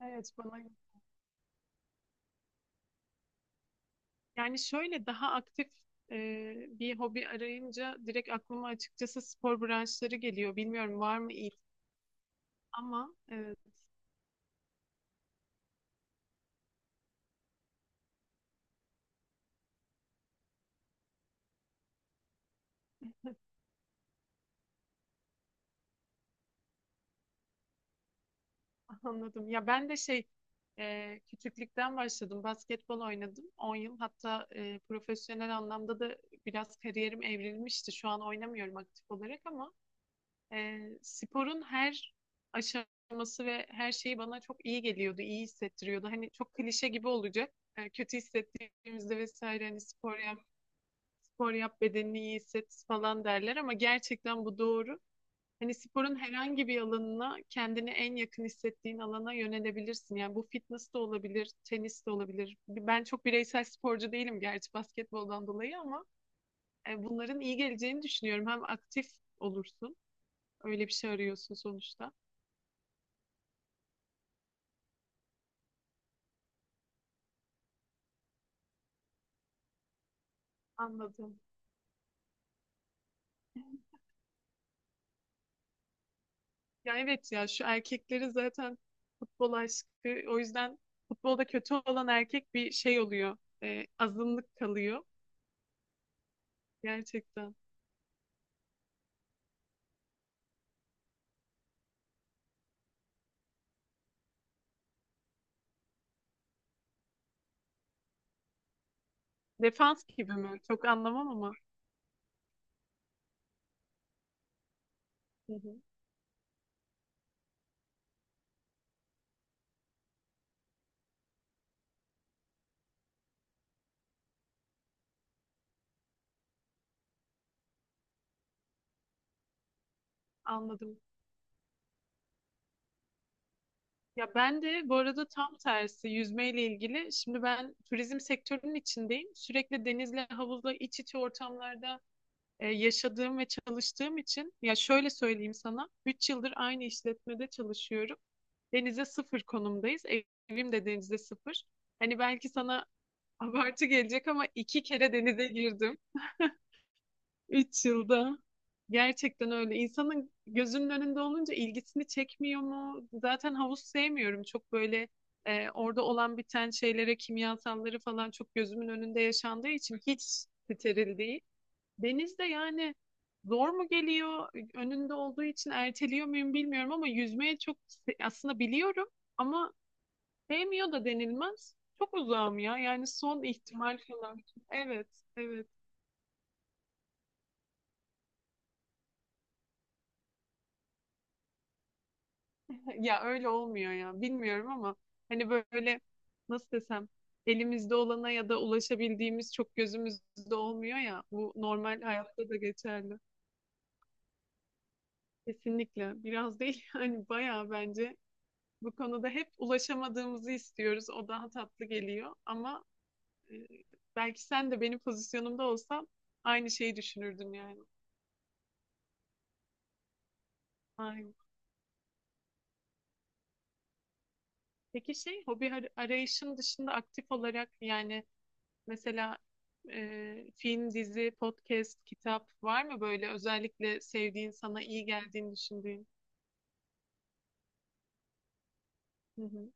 Evet, bana yani şöyle daha aktif bir hobi arayınca direkt aklıma açıkçası spor branşları geliyor. Bilmiyorum, var mı iyi ama anladım. Ya ben de şey küçüklükten başladım. Basketbol oynadım 10 yıl. Hatta profesyonel anlamda da biraz kariyerim evrilmişti. Şu an oynamıyorum aktif olarak ama sporun her aşaması ve her şeyi bana çok iyi geliyordu, iyi hissettiriyordu. Hani çok klişe gibi olacak. E, kötü hissettiğimizde vesaire hani spor yap, spor yap, bedenini iyi hisset falan derler ama gerçekten bu doğru. Hani sporun herhangi bir alanına, kendini en yakın hissettiğin alana yönelebilirsin. Yani bu fitness de olabilir, tenis de olabilir. Ben çok bireysel sporcu değilim gerçi basketboldan dolayı ama bunların iyi geleceğini düşünüyorum. Hem aktif olursun, öyle bir şey arıyorsun sonuçta. Anladım. Ya evet, ya şu erkekleri zaten futbol aşkı, o yüzden futbolda kötü olan erkek bir şey oluyor. E, azınlık kalıyor gerçekten. Defans gibi mi? Çok anlamam ama. Hı hı. Anladım. Ya ben de bu arada tam tersi yüzmeyle ilgili. Şimdi ben turizm sektörünün içindeyim. Sürekli denizle, havuzla iç içe ortamlarda yaşadığım ve çalıştığım için ya şöyle söyleyeyim sana, 3 yıldır aynı işletmede çalışıyorum. Denize sıfır konumdayız. Evim de denize sıfır. Hani belki sana abartı gelecek ama iki kere denize girdim 3 yılda. Gerçekten öyle. İnsanın gözünün önünde olunca ilgisini çekmiyor mu? Zaten havuz sevmiyorum. Çok böyle orada olan biten şeylere, kimyasalları falan çok gözümün önünde yaşandığı için hiç steril değil. Deniz de yani zor mu geliyor? Önünde olduğu için erteliyor muyum bilmiyorum ama yüzmeye çok aslında biliyorum ama sevmiyor da denilmez. Çok uzağım ya. Yani son ihtimal falan. Evet, evet. Ya öyle olmuyor ya. Bilmiyorum ama hani böyle, nasıl desem, elimizde olana ya da ulaşabildiğimiz çok gözümüzde olmuyor ya. Bu normal hayatta da geçerli. Kesinlikle. Biraz değil yani bayağı bence. Bu konuda hep ulaşamadığımızı istiyoruz. O daha tatlı geliyor ama e, belki sen de benim pozisyonumda olsan aynı şeyi düşünürdün yani. Aynen. Peki şey, hobi arayışın dışında aktif olarak yani mesela film, dizi, podcast, kitap var mı böyle özellikle sevdiğin, sana iyi geldiğini düşündüğün? Hı hı.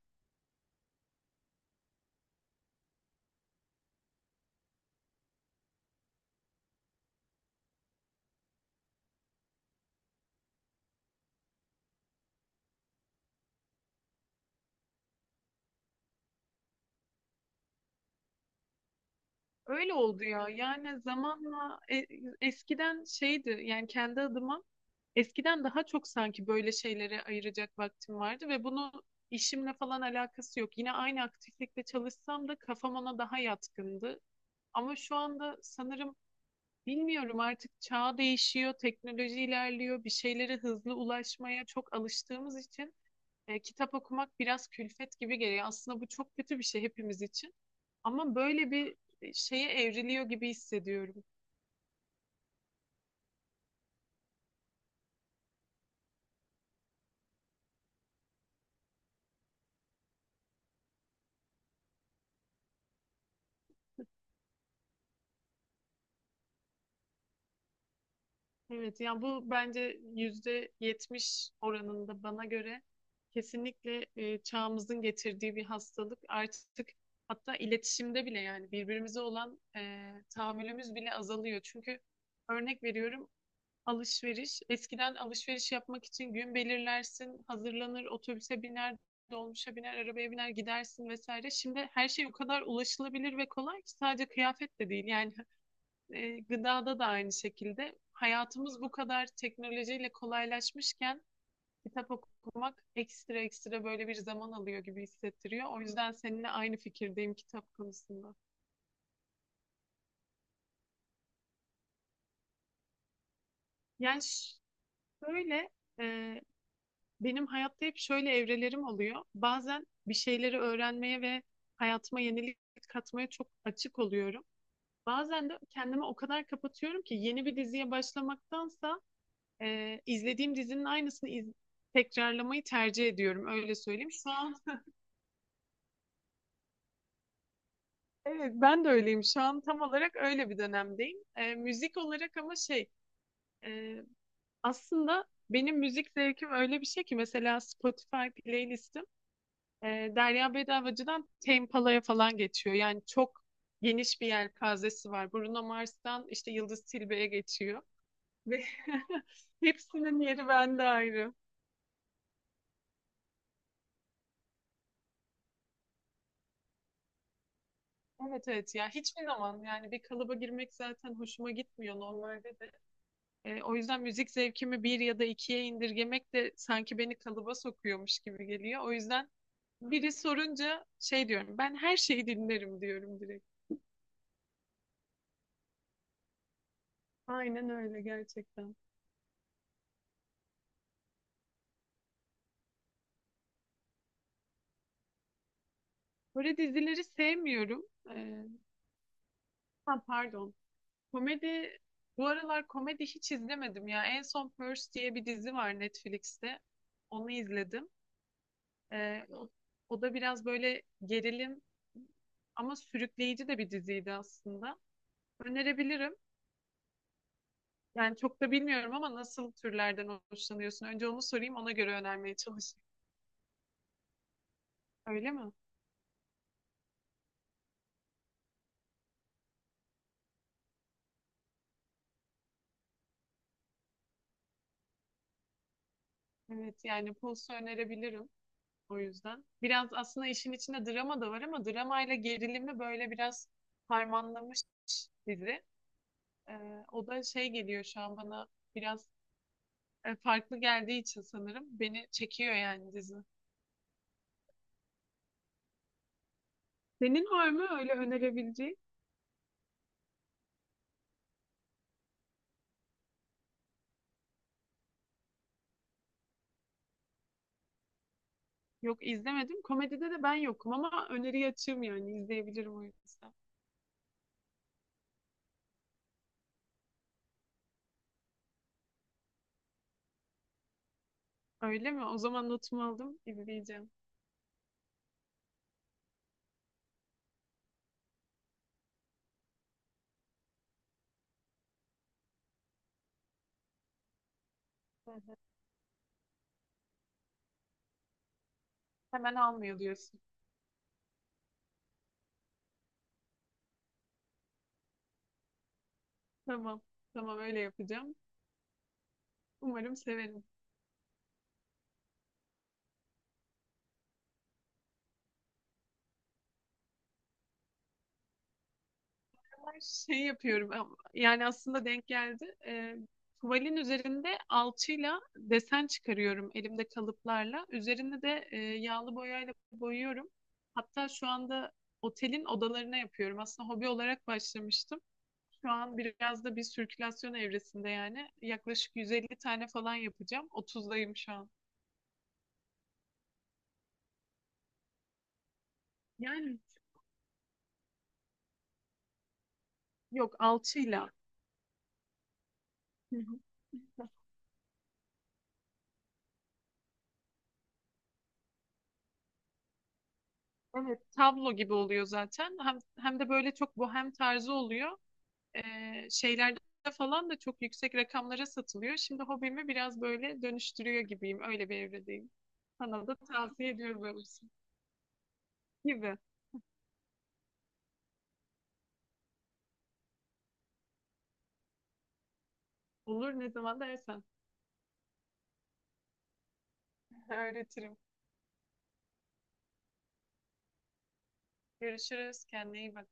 Öyle oldu ya. Yani zamanla eskiden şeydi yani, kendi adıma eskiden daha çok sanki böyle şeylere ayıracak vaktim vardı ve bunu, işimle falan alakası yok. Yine aynı aktiflikte çalışsam da kafam ona daha yatkındı. Ama şu anda sanırım, bilmiyorum, artık çağ değişiyor, teknoloji ilerliyor, bir şeylere hızlı ulaşmaya çok alıştığımız için kitap okumak biraz külfet gibi geliyor. Aslında bu çok kötü bir şey hepimiz için. Ama böyle bir şeye evriliyor gibi hissediyorum. Evet, yani bu bence %70 oranında, bana göre kesinlikle çağımızın getirdiği bir hastalık. Artık hatta iletişimde bile yani birbirimize olan tahammülümüz bile azalıyor. Çünkü örnek veriyorum, alışveriş. Eskiden alışveriş yapmak için gün belirlersin, hazırlanır, otobüse biner, dolmuşa biner, arabaya biner, gidersin vesaire. Şimdi her şey o kadar ulaşılabilir ve kolay ki, sadece kıyafet de değil. Yani gıdada da aynı şekilde. Hayatımız bu kadar teknolojiyle kolaylaşmışken kitap okumak ekstra ekstra böyle bir zaman alıyor gibi hissettiriyor. O yüzden seninle aynı fikirdeyim kitap konusunda. Yani şöyle e, benim hayatta hep şöyle evrelerim oluyor. Bazen bir şeyleri öğrenmeye ve hayatıma yenilik katmaya çok açık oluyorum. Bazen de kendimi o kadar kapatıyorum ki yeni bir diziye başlamaktansa izlediğim dizinin aynısını tekrarlamayı tercih ediyorum. Öyle söyleyeyim. Şu an evet, ben de öyleyim. Şu an tam olarak öyle bir dönemdeyim. E, müzik olarak ama şey, e, aslında benim müzik zevkim öyle bir şey ki, mesela Spotify playlistim Derya Bedavacı'dan Tempala'ya falan geçiyor. Yani çok geniş bir yelpazesi var. Bruno Mars'tan işte Yıldız Tilbe'ye geçiyor. Ve hepsinin yeri bende ayrı. Evet, evet, ya hiçbir zaman yani bir kalıba girmek zaten hoşuma gitmiyor normalde de. E, o yüzden müzik zevkimi bir ya da ikiye indirgemek de sanki beni kalıba sokuyormuş gibi geliyor. O yüzden biri sorunca şey diyorum, ben her şeyi dinlerim diyorum direkt. Aynen öyle gerçekten. Kore dizileri sevmiyorum. Ee, ha, pardon. Komedi, bu aralar komedi hiç izlemedim ya. En son Purge diye bir dizi var Netflix'te. Onu izledim. Ee, o, O da biraz böyle gerilim ama sürükleyici de bir diziydi aslında. Önerebilirim. Yani çok da bilmiyorum ama nasıl türlerden hoşlanıyorsun? Önce onu sorayım, ona göre önermeye çalışayım. Öyle mi? Evet, yani Pulse'u önerebilirim. O yüzden. Biraz aslında işin içinde drama da var ama dramayla gerilimi böyle biraz harmanlamış dizi. O da şey geliyor şu an bana, biraz farklı geldiği için sanırım beni çekiyor yani dizi. Senin var mı öyle önerebileceğin? Yok, izlemedim. Komedide de ben yokum ama öneri açığım yani, izleyebilirim o yüzden. Öyle mi? O zaman notumu aldım, izleyeceğim. Hı hı. Hemen almıyor diyorsun. Tamam. Tamam, öyle yapacağım. Umarım severim. Şey yapıyorum yani aslında denk geldi. Tuvalin üzerinde alçıyla desen çıkarıyorum, elimde kalıplarla. Üzerine de yağlı boyayla boyuyorum. Hatta şu anda otelin odalarına yapıyorum. Aslında hobi olarak başlamıştım. Şu an biraz da bir sirkülasyon evresinde yani. Yaklaşık 150 tane falan yapacağım. 30'dayım şu an. Yani yok, alçıyla. Hı hı. Evet, tablo gibi oluyor zaten. Hem, hem de böyle çok bohem tarzı oluyor. e, Şeylerde falan da çok yüksek rakamlara satılıyor. Şimdi hobimi biraz böyle dönüştürüyor gibiyim. Öyle bir evredeyim. Sana da tavsiye ediyorum öyle bir şey gibi. Olur, ne zaman dersen. Öğretirim. Görüşürüz. Kendine iyi bak.